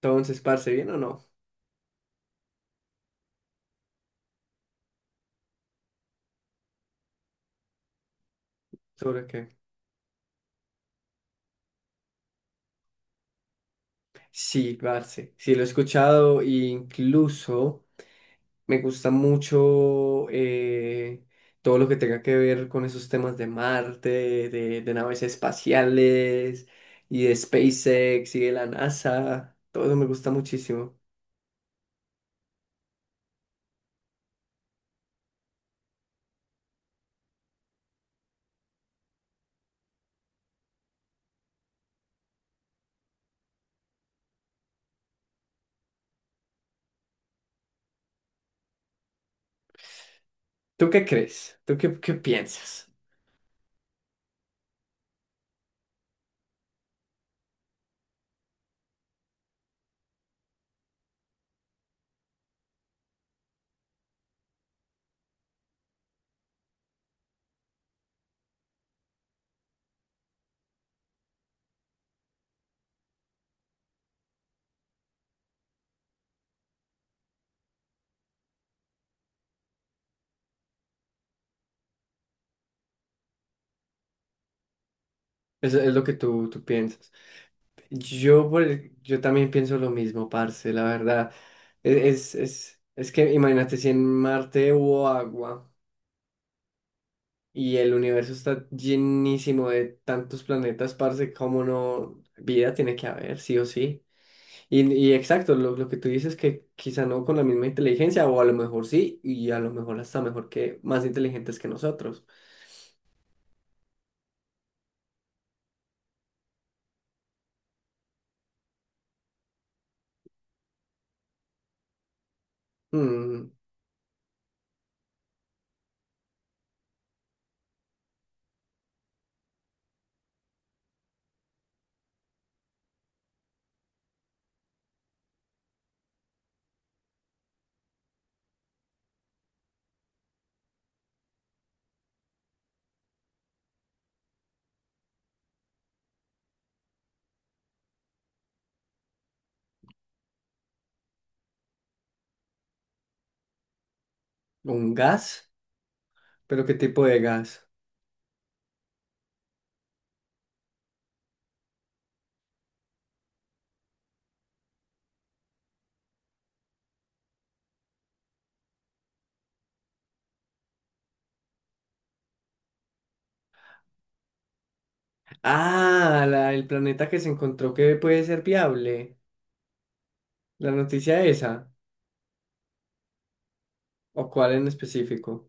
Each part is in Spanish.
Entonces, parce, ¿bien o no? ¿Sobre qué? Sí, parce, sí lo he escuchado e incluso me gusta mucho, todo lo que tenga que ver con esos temas de Marte, de naves espaciales y de SpaceX y de la NASA. Todo eso me gusta muchísimo. ¿Tú qué crees? ¿Tú qué piensas? Es lo que tú piensas. Yo también pienso lo mismo, parce, la verdad. Es que imagínate si en Marte hubo agua y el universo está llenísimo de tantos planetas, parce, como no, vida tiene que haber, sí o sí. Y exacto, lo que tú dices que quizá no con la misma inteligencia, o a lo mejor sí, y a lo mejor hasta mejor que más inteligentes que nosotros. Mm. ¿Un gas? ¿Pero qué tipo de gas? Ah, el planeta que se encontró que puede ser viable. La noticia esa, o cuál en específico.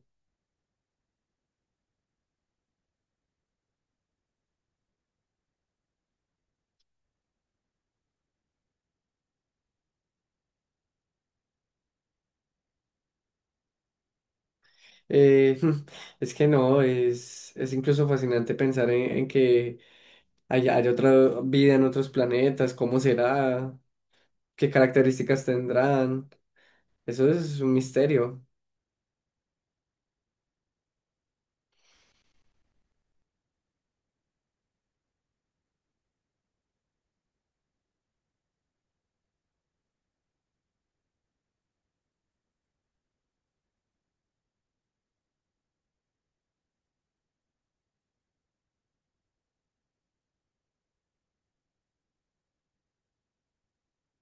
Eh, es que no, es incluso fascinante pensar en que hay otra vida en otros planetas, cómo será, qué características tendrán. Eso es un misterio.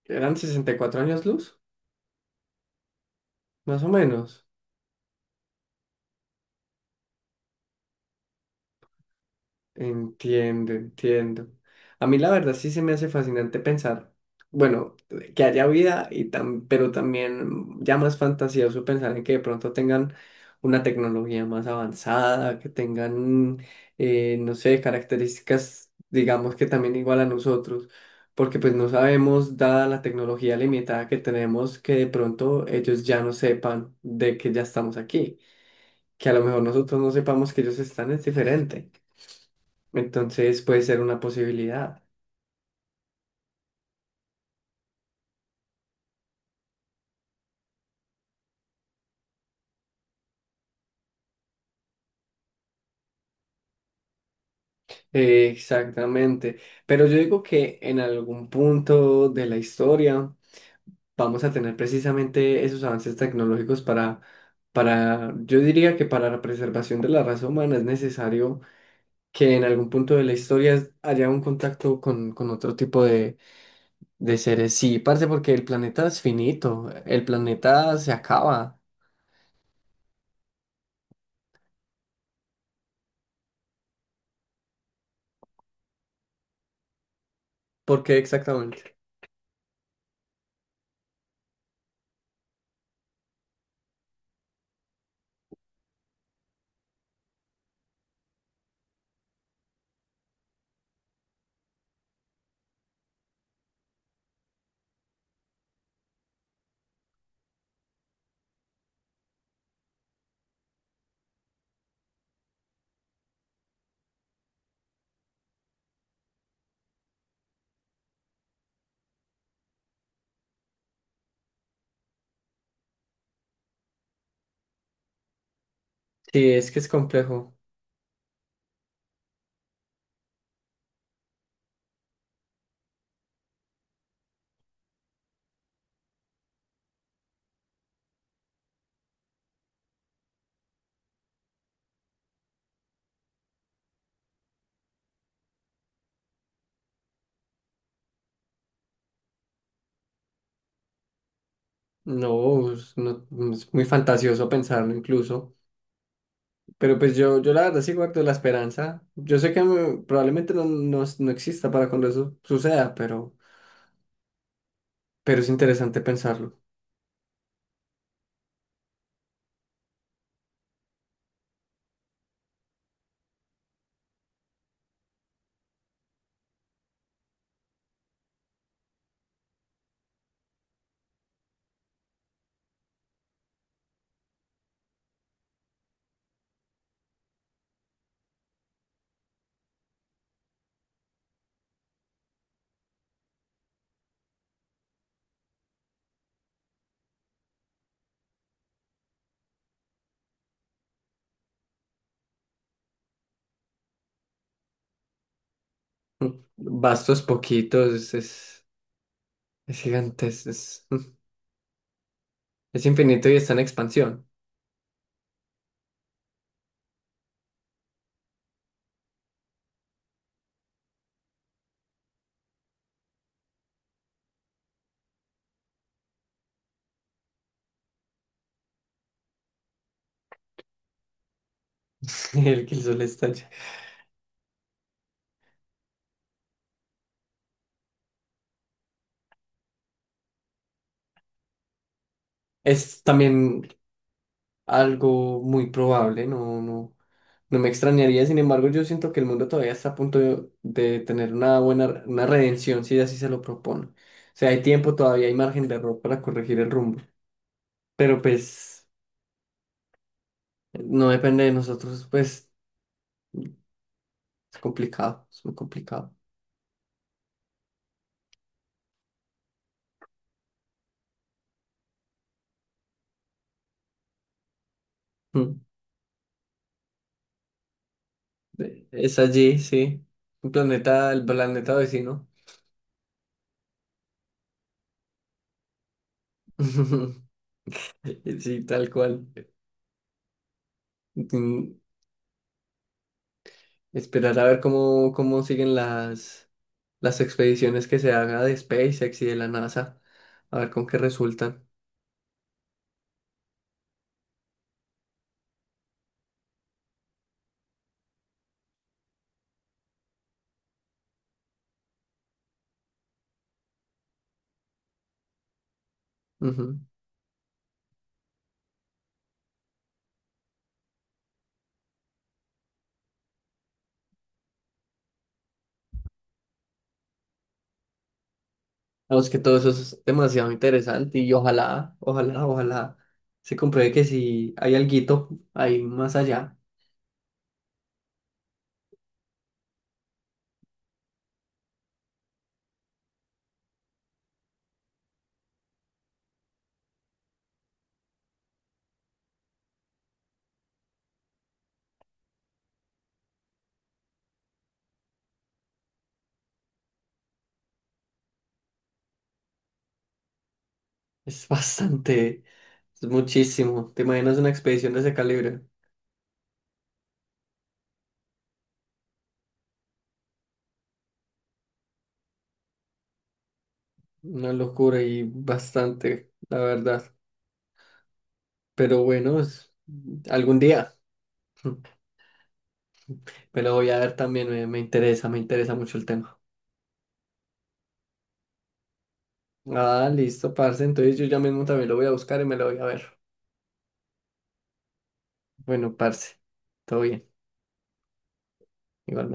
Eran 64 años luz, más o menos. Entiendo, entiendo. A mí la verdad sí se me hace fascinante pensar, bueno, que haya vida y pero también ya más fantasioso pensar en que de pronto tengan una tecnología más avanzada, que tengan, no sé, características, digamos que también igual a nosotros, porque pues no sabemos, dada la tecnología limitada que tenemos, que de pronto ellos ya no sepan de que ya estamos aquí, que a lo mejor nosotros no sepamos que ellos están, es diferente. Entonces puede ser una posibilidad. Exactamente. Pero yo digo que en algún punto de la historia vamos a tener precisamente esos avances tecnológicos, yo diría que para la preservación de la raza humana es necesario que en algún punto de la historia haya un contacto con otro tipo de seres. Sí, parce, porque el planeta es finito, el planeta se acaba. ¿Por qué exactamente? Sí, es que es complejo. No, es muy fantasioso pensarlo incluso, pero pues yo la verdad sí guardo la esperanza. Yo sé que mm, probablemente no exista para cuando eso suceda, pero es interesante pensarlo. Vastos, poquitos, es gigante, es infinito y está en expansión. El que el sol está. Es también algo muy probable, no, no. No me extrañaría, sin embargo, yo siento que el mundo todavía está a punto de tener una buena, una redención si así se lo propone. O sea, hay tiempo, todavía hay margen de error para corregir el rumbo. Pero pues no depende de nosotros, pues es complicado, es muy complicado. Mm. Es allí, sí. Un planeta, el planeta vecino. Sí, tal cual. Mm. Esperar a ver cómo siguen las expediciones que se haga de SpaceX y de la NASA, a ver con qué resultan. Ujú. Vamos, que todo eso es demasiado interesante y ojalá, ojalá, ojalá se compruebe que si hay alguito ahí más allá, es bastante, es muchísimo. ¿Te imaginas una expedición de ese calibre? Una locura y bastante, la verdad. Pero bueno, algún día me lo voy a ver también, me interesa, me interesa mucho el tema. Ah, listo, parce. Entonces yo ya mismo también lo voy a buscar y me lo voy a ver. Bueno, parce, todo bien. Igualmente.